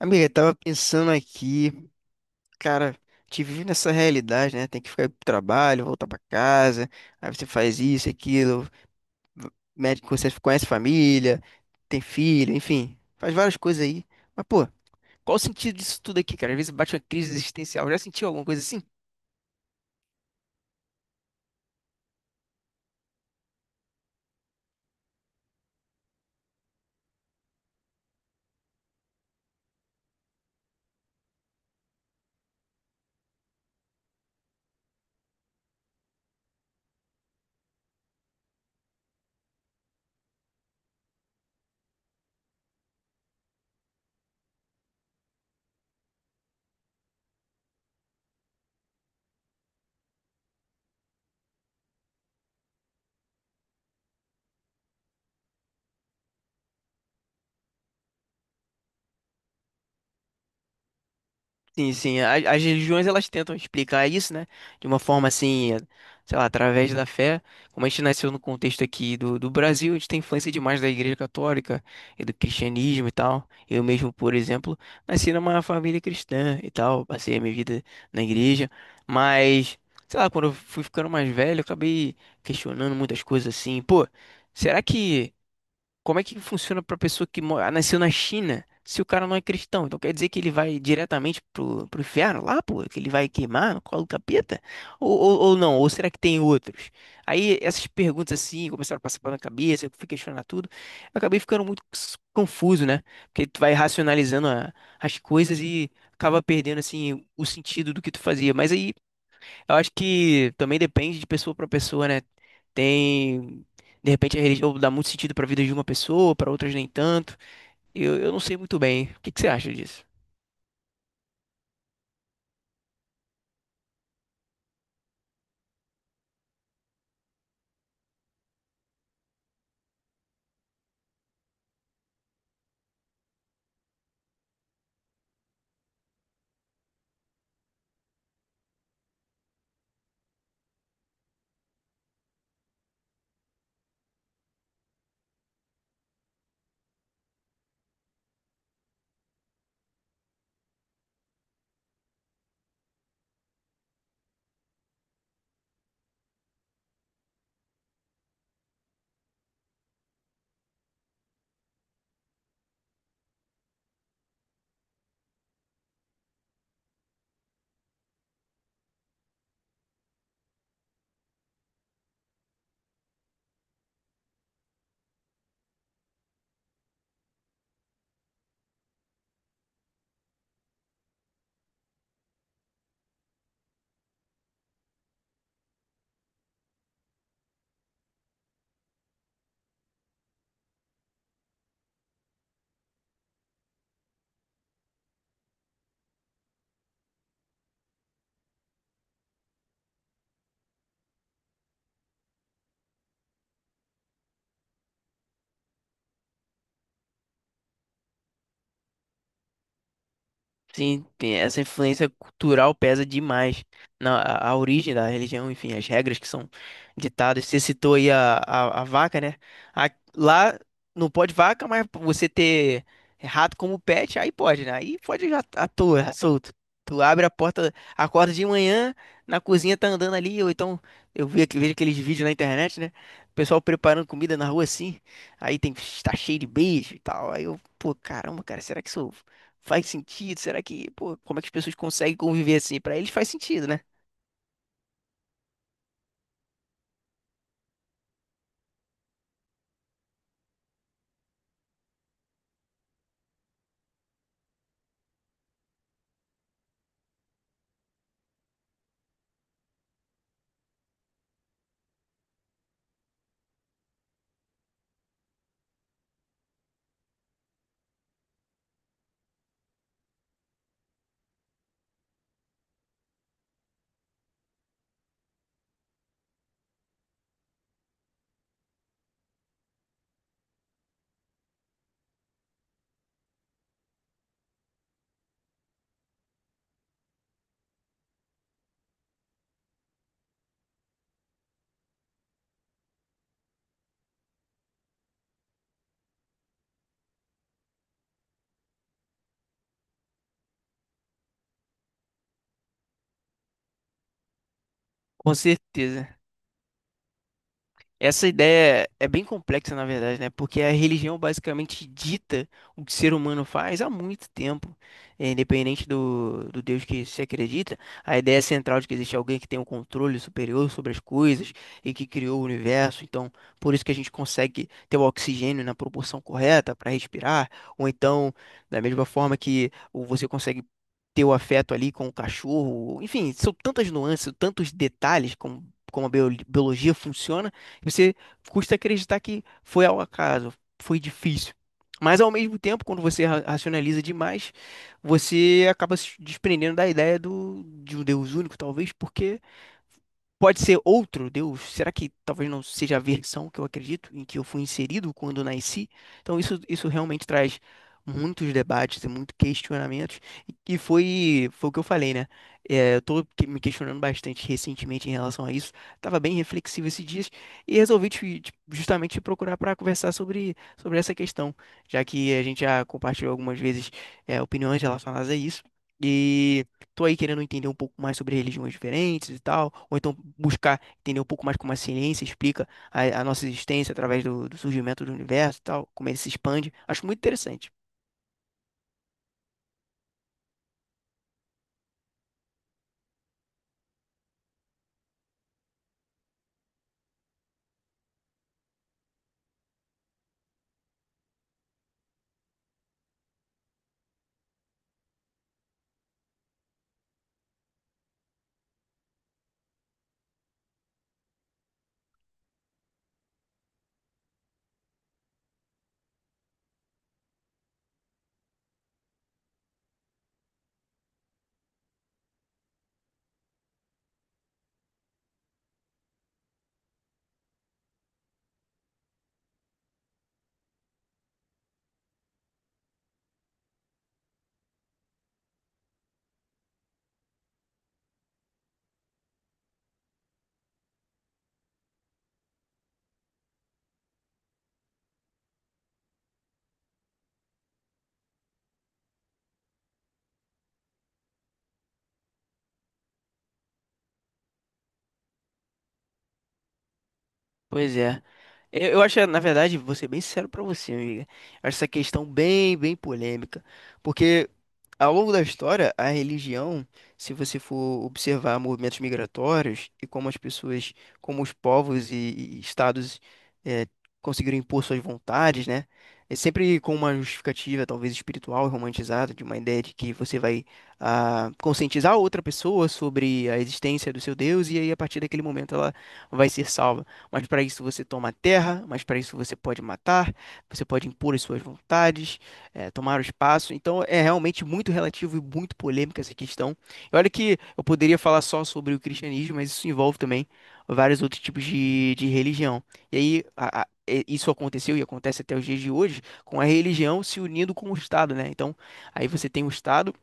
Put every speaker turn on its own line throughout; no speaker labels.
Amiga, eu tava pensando aqui, cara, te vive nessa realidade, né? Tem que ficar pro trabalho, voltar pra casa, aí você faz isso, aquilo, v- médico, você conhece família, tem filho, enfim, faz várias coisas aí. Mas, pô, qual o sentido disso tudo aqui, cara? Às vezes bate uma crise existencial. Já sentiu alguma coisa assim? Sim, sim. As religiões elas tentam explicar isso, né? De uma forma assim, sei lá, através da fé. Como a gente nasceu no contexto aqui do Brasil, a gente tem influência demais da Igreja Católica e do cristianismo e tal. Eu mesmo, por exemplo, nasci numa família cristã e tal, passei a minha vida na igreja. Mas, sei lá, quando eu fui ficando mais velho, eu acabei questionando muitas coisas assim. Pô, será que como é que funciona para pessoa que nasceu na China se o cara não é cristão? Então quer dizer que ele vai diretamente pro inferno lá, pô? Que ele vai queimar no colo do capeta? Ou não? Ou será que tem outros? Aí essas perguntas assim começaram a passar pela minha cabeça, eu fui questionar tudo. Eu acabei ficando muito confuso, né? Porque tu vai racionalizando as coisas e acaba perdendo assim o sentido do que tu fazia. Mas aí eu acho que também depende de pessoa para pessoa, né? Tem, de repente a religião dá muito sentido para a vida de uma pessoa, para outras nem tanto. Eu não sei muito bem. O que que você acha disso? Sim, essa influência cultural pesa demais na a origem da religião, enfim, as regras que são ditadas. Você citou aí a vaca, né? A- Lá não pode vaca, mas você ter rato como pet, aí pode, né? Aí pode já tá à toa, solto. Tu abre a porta, acorda de manhã, na cozinha tá andando ali, ou então eu vi, vejo aqueles vídeos na internet, né? O pessoal preparando comida na rua assim, aí tem, tá cheio de beijo e tal. Aí eu, pô, caramba, cara, será que sou faz sentido? Será que, pô, como é que as pessoas conseguem conviver assim? Pra eles faz sentido, né? Com certeza. Essa ideia é bem complexa, na verdade, né? Porque a religião basicamente dita o que o ser humano faz há muito tempo. É, independente do Deus que se acredita. A ideia central de que existe alguém que tem um controle superior sobre as coisas e que criou o universo. Então, por isso que a gente consegue ter o oxigênio na proporção correta para respirar, ou então, da mesma forma que você consegue ter o afeto ali com o cachorro. Enfim, são tantas nuances, tantos detalhes como, como a biologia funciona e você custa acreditar que foi ao acaso, foi difícil. Mas ao mesmo tempo, quando você racionaliza demais, você acaba se desprendendo da ideia do, de um Deus único, talvez, porque pode ser outro Deus. Será que talvez não seja a versão que eu acredito, em que eu fui inserido quando nasci? Então isso realmente traz muitos debates e muitos questionamentos. E foi o que eu falei, né? É, eu me questionando bastante recentemente em relação a isso. Tava bem reflexivo esses dias e resolvi justamente te procurar para conversar sobre essa questão, já que a gente já compartilhou algumas vezes é, opiniões relacionadas a isso. E tô aí querendo entender um pouco mais sobre religiões diferentes e tal, ou então buscar entender um pouco mais como a ciência explica a nossa existência através do surgimento do universo e tal, como ele se expande. Acho muito interessante. Pois é. Eu acho, na verdade, vou ser bem sincero pra você, amiga. Eu acho essa questão bem polêmica. Porque ao longo da história, a religião, se você for observar movimentos migratórios e como as pessoas, como os povos e estados eh, conseguiram impor suas vontades, né? É sempre com uma justificativa, talvez espiritual e romantizada, de uma ideia de que você vai conscientizar outra pessoa sobre a existência do seu Deus e aí, a partir daquele momento, ela vai ser salva, mas para isso você toma a terra, mas para isso você pode matar, você pode impor as suas vontades, tomar o espaço. Então é realmente muito relativo e muito polêmica essa questão. E olha que eu poderia falar só sobre o cristianismo, mas isso envolve também vários outros tipos de religião. E aí, isso aconteceu e acontece até os dias de hoje, com a religião se unindo com o Estado, né? Então, aí você tem o Estado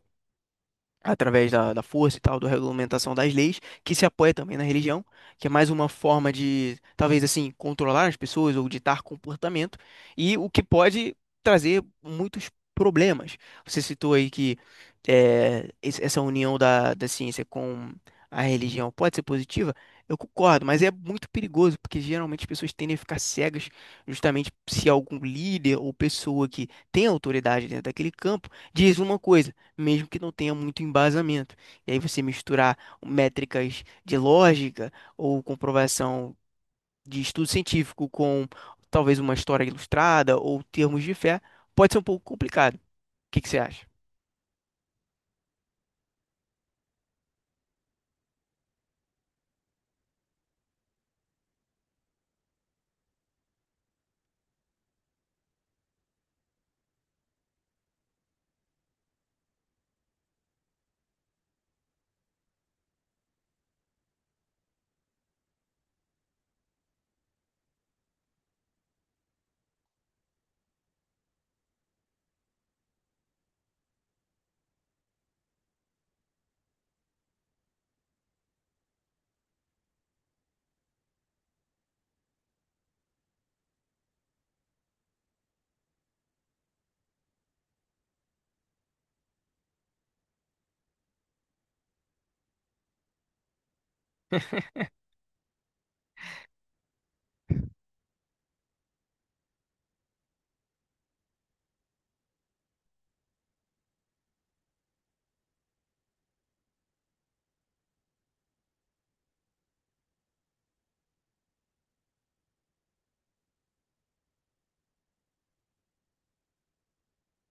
através da força e tal, da regulamentação das leis, que se apoia também na religião, que é mais uma forma de, talvez assim, controlar as pessoas ou ditar comportamento, e o que pode trazer muitos problemas. Você citou aí que essa união da ciência com a religião pode ser positiva, eu concordo, mas é muito perigoso, porque geralmente as pessoas tendem a ficar cegas justamente se algum líder ou pessoa que tem autoridade dentro daquele campo diz uma coisa mesmo que não tenha muito embasamento. E aí você misturar métricas de lógica ou comprovação de estudo científico com talvez uma história ilustrada ou termos de fé, pode ser um pouco complicado. O que que você acha?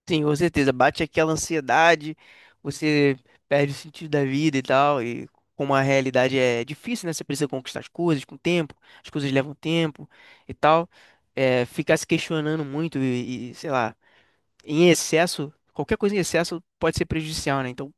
Sim, com certeza. Bate aquela ansiedade, você perde o sentido da vida e tal, e como a realidade é difícil, né? Você precisa conquistar as coisas com tempo, as coisas levam tempo e tal. É, ficar se questionando muito e sei lá, em excesso, qualquer coisa em excesso pode ser prejudicial, né? Então,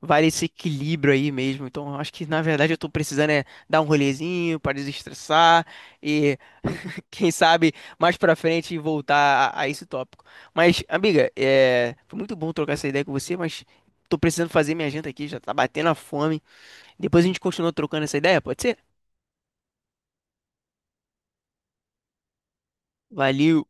vale esse equilíbrio aí mesmo. Então, eu acho que na verdade eu tô precisando é dar um rolezinho para desestressar e quem sabe mais pra frente voltar a esse tópico. Mas, amiga, é, foi muito bom trocar essa ideia com você, mas tô precisando fazer minha janta aqui, já tá batendo a fome. Depois a gente continua trocando essa ideia, pode ser? Valeu.